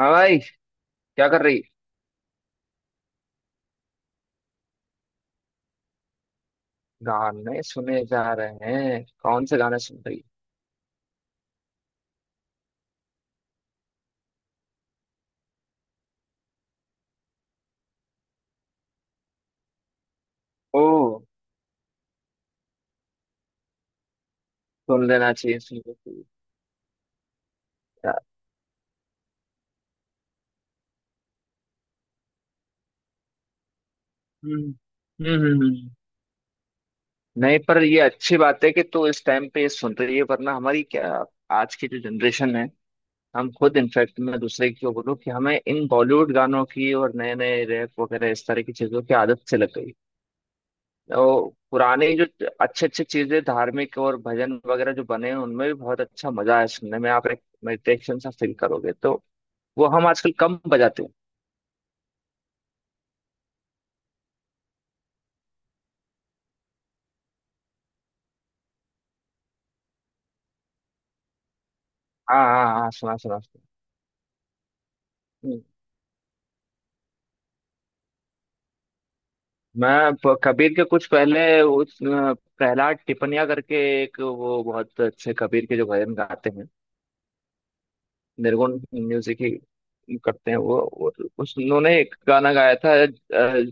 हाँ भाई, क्या कर रही। गाने सुने जा रहे हैं, कौन से गाने सुन रही। ओ, सुन लेना चाहिए, सुन लेना चाहिए यार। हम्म हम्म हम्म, हम्म। नहीं पर ये अच्छी बात है कि तू इस टाइम पे ये सुन रही है, वरना हमारी क्या, आज की जो जनरेशन है, हम खुद। इनफैक्ट मैं दूसरे को बोलूँ कि हमें इन बॉलीवुड गानों की और नए नए रैप वगैरह इस तरह की चीजों की आदत से लग गई। और पुराने जो अच्छे अच्छे चीजें धार्मिक और भजन वगैरह जो बने हैं उनमें भी बहुत अच्छा मजा है, सुनने में आप एक मेडिटेशन सा फील करोगे। तो वो हम आजकल कम बजाते हैं। हाँ हाँ हाँ, सुना सुना सुना। हम्म। कबीर के कुछ पहले, उस प्रहलाद टिपनिया करके एक, वो बहुत अच्छे कबीर के जो भजन गाते हैं। निर्गुण म्यूजिक ही करते हैं वो। और उस उन्होंने एक गाना गाया था,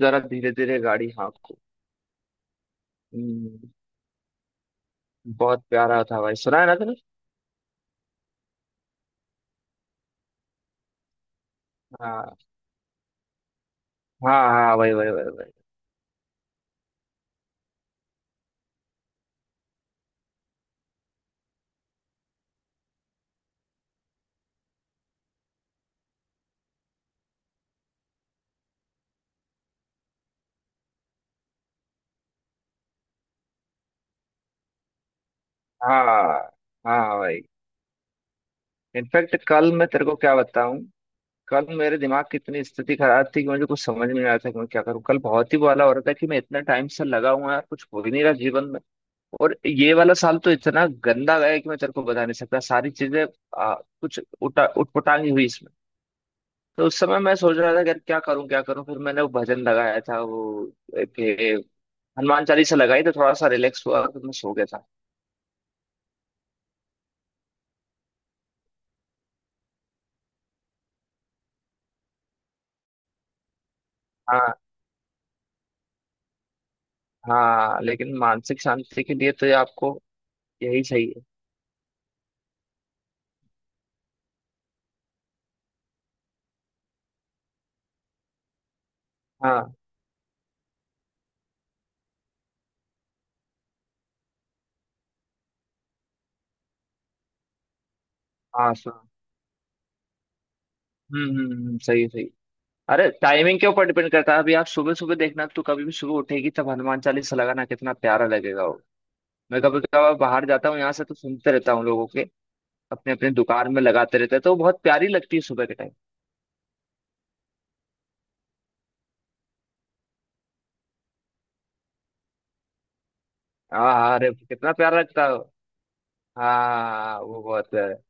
जरा धीरे धीरे गाड़ी हाँको। हम्म, बहुत प्यारा था भाई। सुना है ना तुमने। हाँ हाँ, वही वही वही वही। हाँ हाँ वही। इनफैक्ट कल, मैं तेरे को क्या बताऊं, कल मेरे दिमाग की इतनी स्थिति खराब थी कि मुझे कुछ समझ में नहीं आ रहा था कि मैं क्या करूं। कल बहुत ही बुरा हो रहा था कि मैं इतना टाइम से लगा हुआ यार, कुछ हो ही नहीं रहा जीवन में। और ये वाला साल तो इतना गंदा गया कि मैं तेरे को बता नहीं सकता। सारी चीजें आ, कुछ उठा उटपटांगी हुई इसमें। तो उस समय मैं सोच रहा था कि यार क्या करूं क्या करूं। फिर मैंने वो भजन लगाया था, वो एक हनुमान चालीसा लगाई, तो थोड़ा सा रिलैक्स हुआ और फिर मैं सो गया था। हाँ, हाँ लेकिन मानसिक शांति के लिए तो आपको यही सही है। हाँ हाँ सर। सही सही। अरे टाइमिंग के ऊपर डिपेंड करता है। अभी आप सुबह सुबह देखना, तो कभी भी सुबह उठेगी तब हनुमान चालीसा लगाना, कितना प्यारा लगेगा वो। मैं कभी कभार बाहर जाता हूँ यहाँ से, तो सुनते रहता हूँ लोगों के। अपने अपने दुकान में लगाते रहते हैं, तो वो बहुत प्यारी लगती है सुबह के टाइम। हाँ हाँ, अरे कितना प्यारा लगता है वो। हाँ वो बहुत प्यारा है।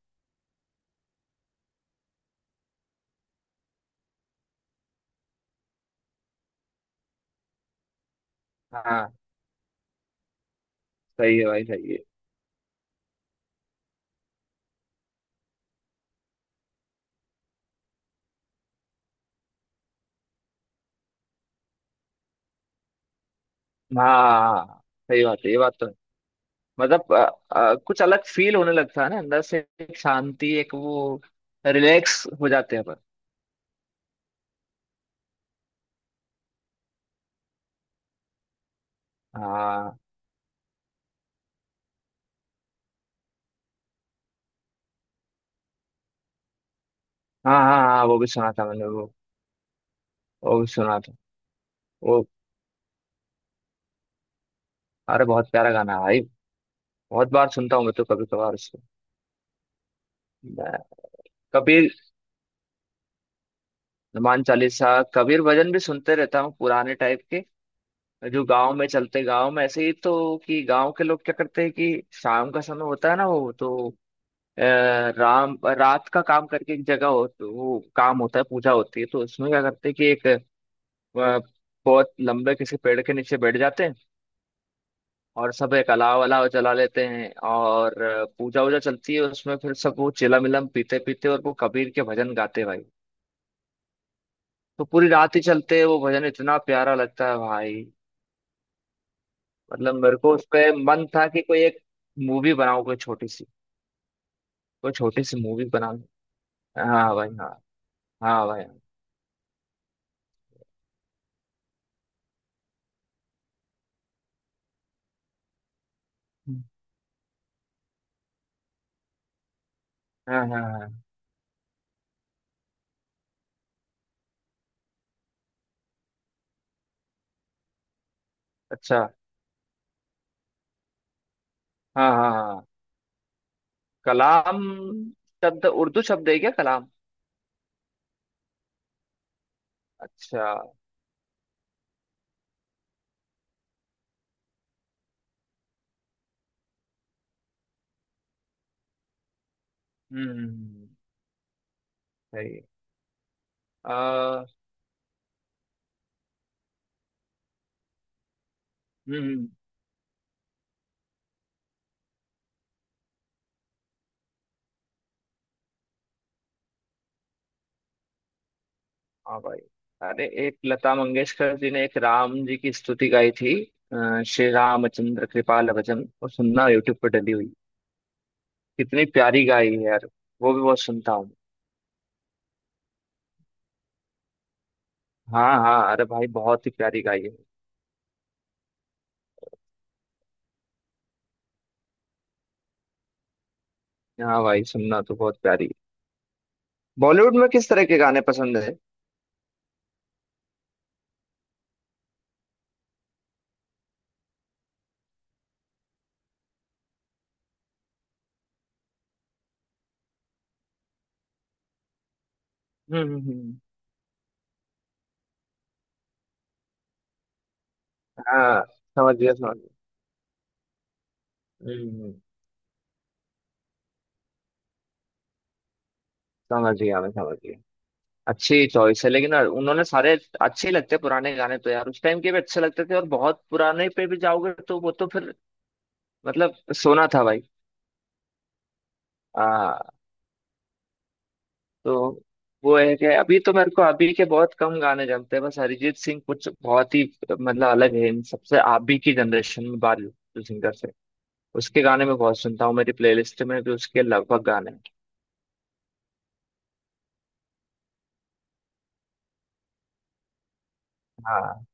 हाँ सही है भाई, सही है। हाँ हाँ, हाँ, सही बात है, ये बात तो। मतलब कुछ अलग फील होने लगता है ना अंदर से, एक शांति, एक वो, रिलैक्स हो जाते हैं अपन। हाँ हाँ हाँ हाँ, वो भी सुना था मैंने वो। वो भी सुना था वो। अरे बहुत प्यारा गाना है भाई। बहुत बार सुनता हूँ मैं तो कभी कभार उसको। मैं कबीर, हनुमान चालीसा, कबीर भजन भी सुनते रहता हूँ पुराने टाइप के, जो गांव में चलते। गांव में ऐसे ही तो, कि गांव के लोग क्या करते हैं कि शाम का समय होता है ना, वो तो अ, राम रात का काम करके एक जगह हो तो वो काम होता है, पूजा होती है, तो उसमें क्या करते हैं कि एक अ, बहुत लंबे किसी पेड़ के नीचे बैठ जाते हैं और सब एक अलाव अलाव जला लेते हैं और पूजा वूजा चलती है उसमें, फिर सब वो चिलम मिलम पीते पीते और वो कबीर के भजन गाते हैं भाई। तो पूरी रात ही चलते हैं वो भजन, इतना प्यारा लगता है भाई। मतलब मेरे को उस पे मन था कि कोई एक मूवी बनाऊं, कोई छोटी सी, कोई छोटी सी मूवी बनाऊं। हाँ भाई हाँ, हाँ भाई। हाँ हाँ हाँ हाँ। अच्छा। हाँ हाँ हाँ। कलाम शब्द उर्दू शब्द है क्या, कलाम। अच्छा। हम्म हम्म, हम्म, सही है। हम्म। हम्म। हाँ भाई, अरे एक लता मंगेशकर जी ने एक राम जी की स्तुति गाई थी, श्री रामचंद्र कृपाल भजन, वो सुनना, यूट्यूब पर डली हुई। कितनी प्यारी गाई है यार। वो भी बहुत सुनता हूँ। हाँ हाँ, अरे भाई बहुत ही प्यारी गाई है। हाँ भाई, सुनना तो बहुत प्यारी है। बॉलीवुड में किस तरह के गाने पसंद है। हम्म हम्म हम्म, हाँ समझ गया, समझ गया। हम्म हम्म। समझ गया मैं, समझ गया। अच्छी चॉइस है, लेकिन उन्होंने सारे अच्छे ही लगते हैं। पुराने गाने तो यार, उस टाइम के भी अच्छे लगते थे, और बहुत पुराने पे भी जाओगे तो वो तो फिर मतलब, सोना था भाई। आ, तो वो है कि अभी तो मेरे को अभी के बहुत कम गाने जमते हैं, बस अरिजीत सिंह कुछ बहुत ही, मतलब अलग है इन सबसे। अभी की जनरेशन में बाल सिंगर से उसके गाने में बहुत सुनता हूँ। मेरी प्लेलिस्ट में भी उसके लगभग गाने हैं। हाँ।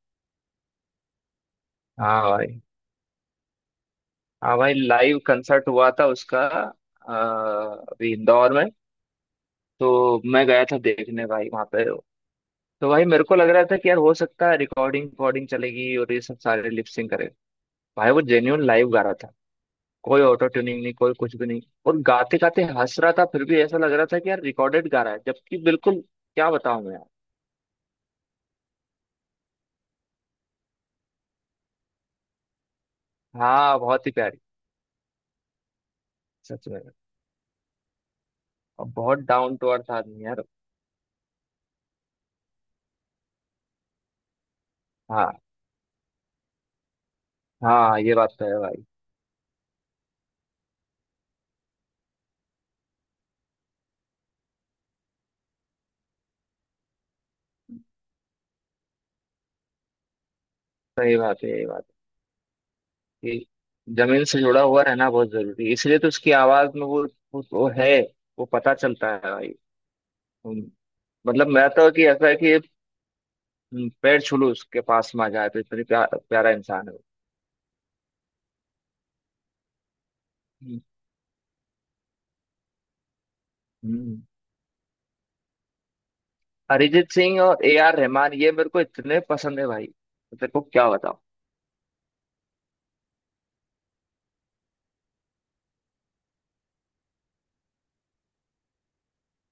हाँ भाई, हाँ भाई, लाइव कंसर्ट हुआ था उसका अभी इंदौर में, तो मैं गया था देखने भाई वहां पे। तो भाई मेरे को लग रहा था कि यार हो सकता है रिकॉर्डिंग रिकॉर्डिंग चलेगी और ये सब सारे लिपसिंग करे। भाई वो जेन्यून लाइव गा रहा था, कोई ऑटो ट्यूनिंग नहीं, कोई कुछ भी नहीं। और गाते गाते हंस रहा था, फिर भी ऐसा लग रहा था कि यार रिकॉर्डेड गा रहा है, जबकि बिल्कुल, क्या बताऊं मैं यार। हाँ बहुत ही प्यारी। सच में। और बहुत डाउन टू अर्थ आदमी यार। हाँ हाँ, ये बात तो है भाई। सही बात है, ये बात है कि जमीन से जुड़ा हुआ रहना बहुत जरूरी है, इसलिए तो उसकी आवाज में वो है, वो पता चलता है भाई। मतलब मैं तो, कि ऐसा है कि पैर छू लूं उसके, पास में आ जाए तो, इतनी प्यारा इंसान है वो। हम्म। हम्म। अरिजीत सिंह और ए आर रहमान, ये मेरे को इतने पसंद है भाई, तो तेरे को क्या बताओ।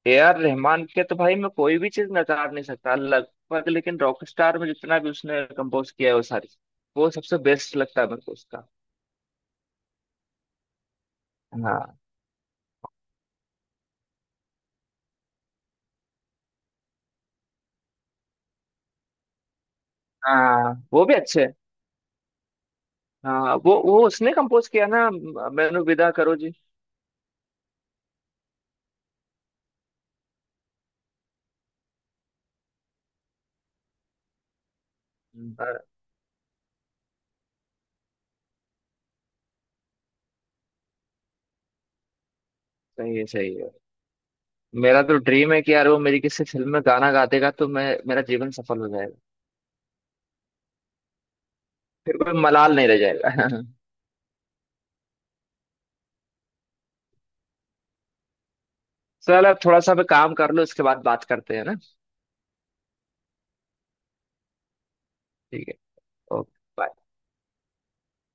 ए आर रहमान के तो भाई मैं कोई भी चीज नकार नहीं सकता लगभग, लेकिन रॉक स्टार में जितना भी उसने कंपोज किया है, वो सारी, वो सबसे बेस्ट लगता है मेरे को उसका। हाँ। हाँ वो भी अच्छे हैं। हाँ वो, उसने कंपोज किया ना, मैनू विदा करो जी। हम्म। हाँ, सही है सही है। मेरा तो ड्रीम है कि यार वो मेरी किसी फिल्म में गाना गा देगा तो मैं, मेरा जीवन सफल हो जाएगा। फिर कोई मलाल नहीं रह जाएगा। चल अब थोड़ा सा मैं काम कर लो, इसके बाद बात करते हैं ना। ठीक है। ओके।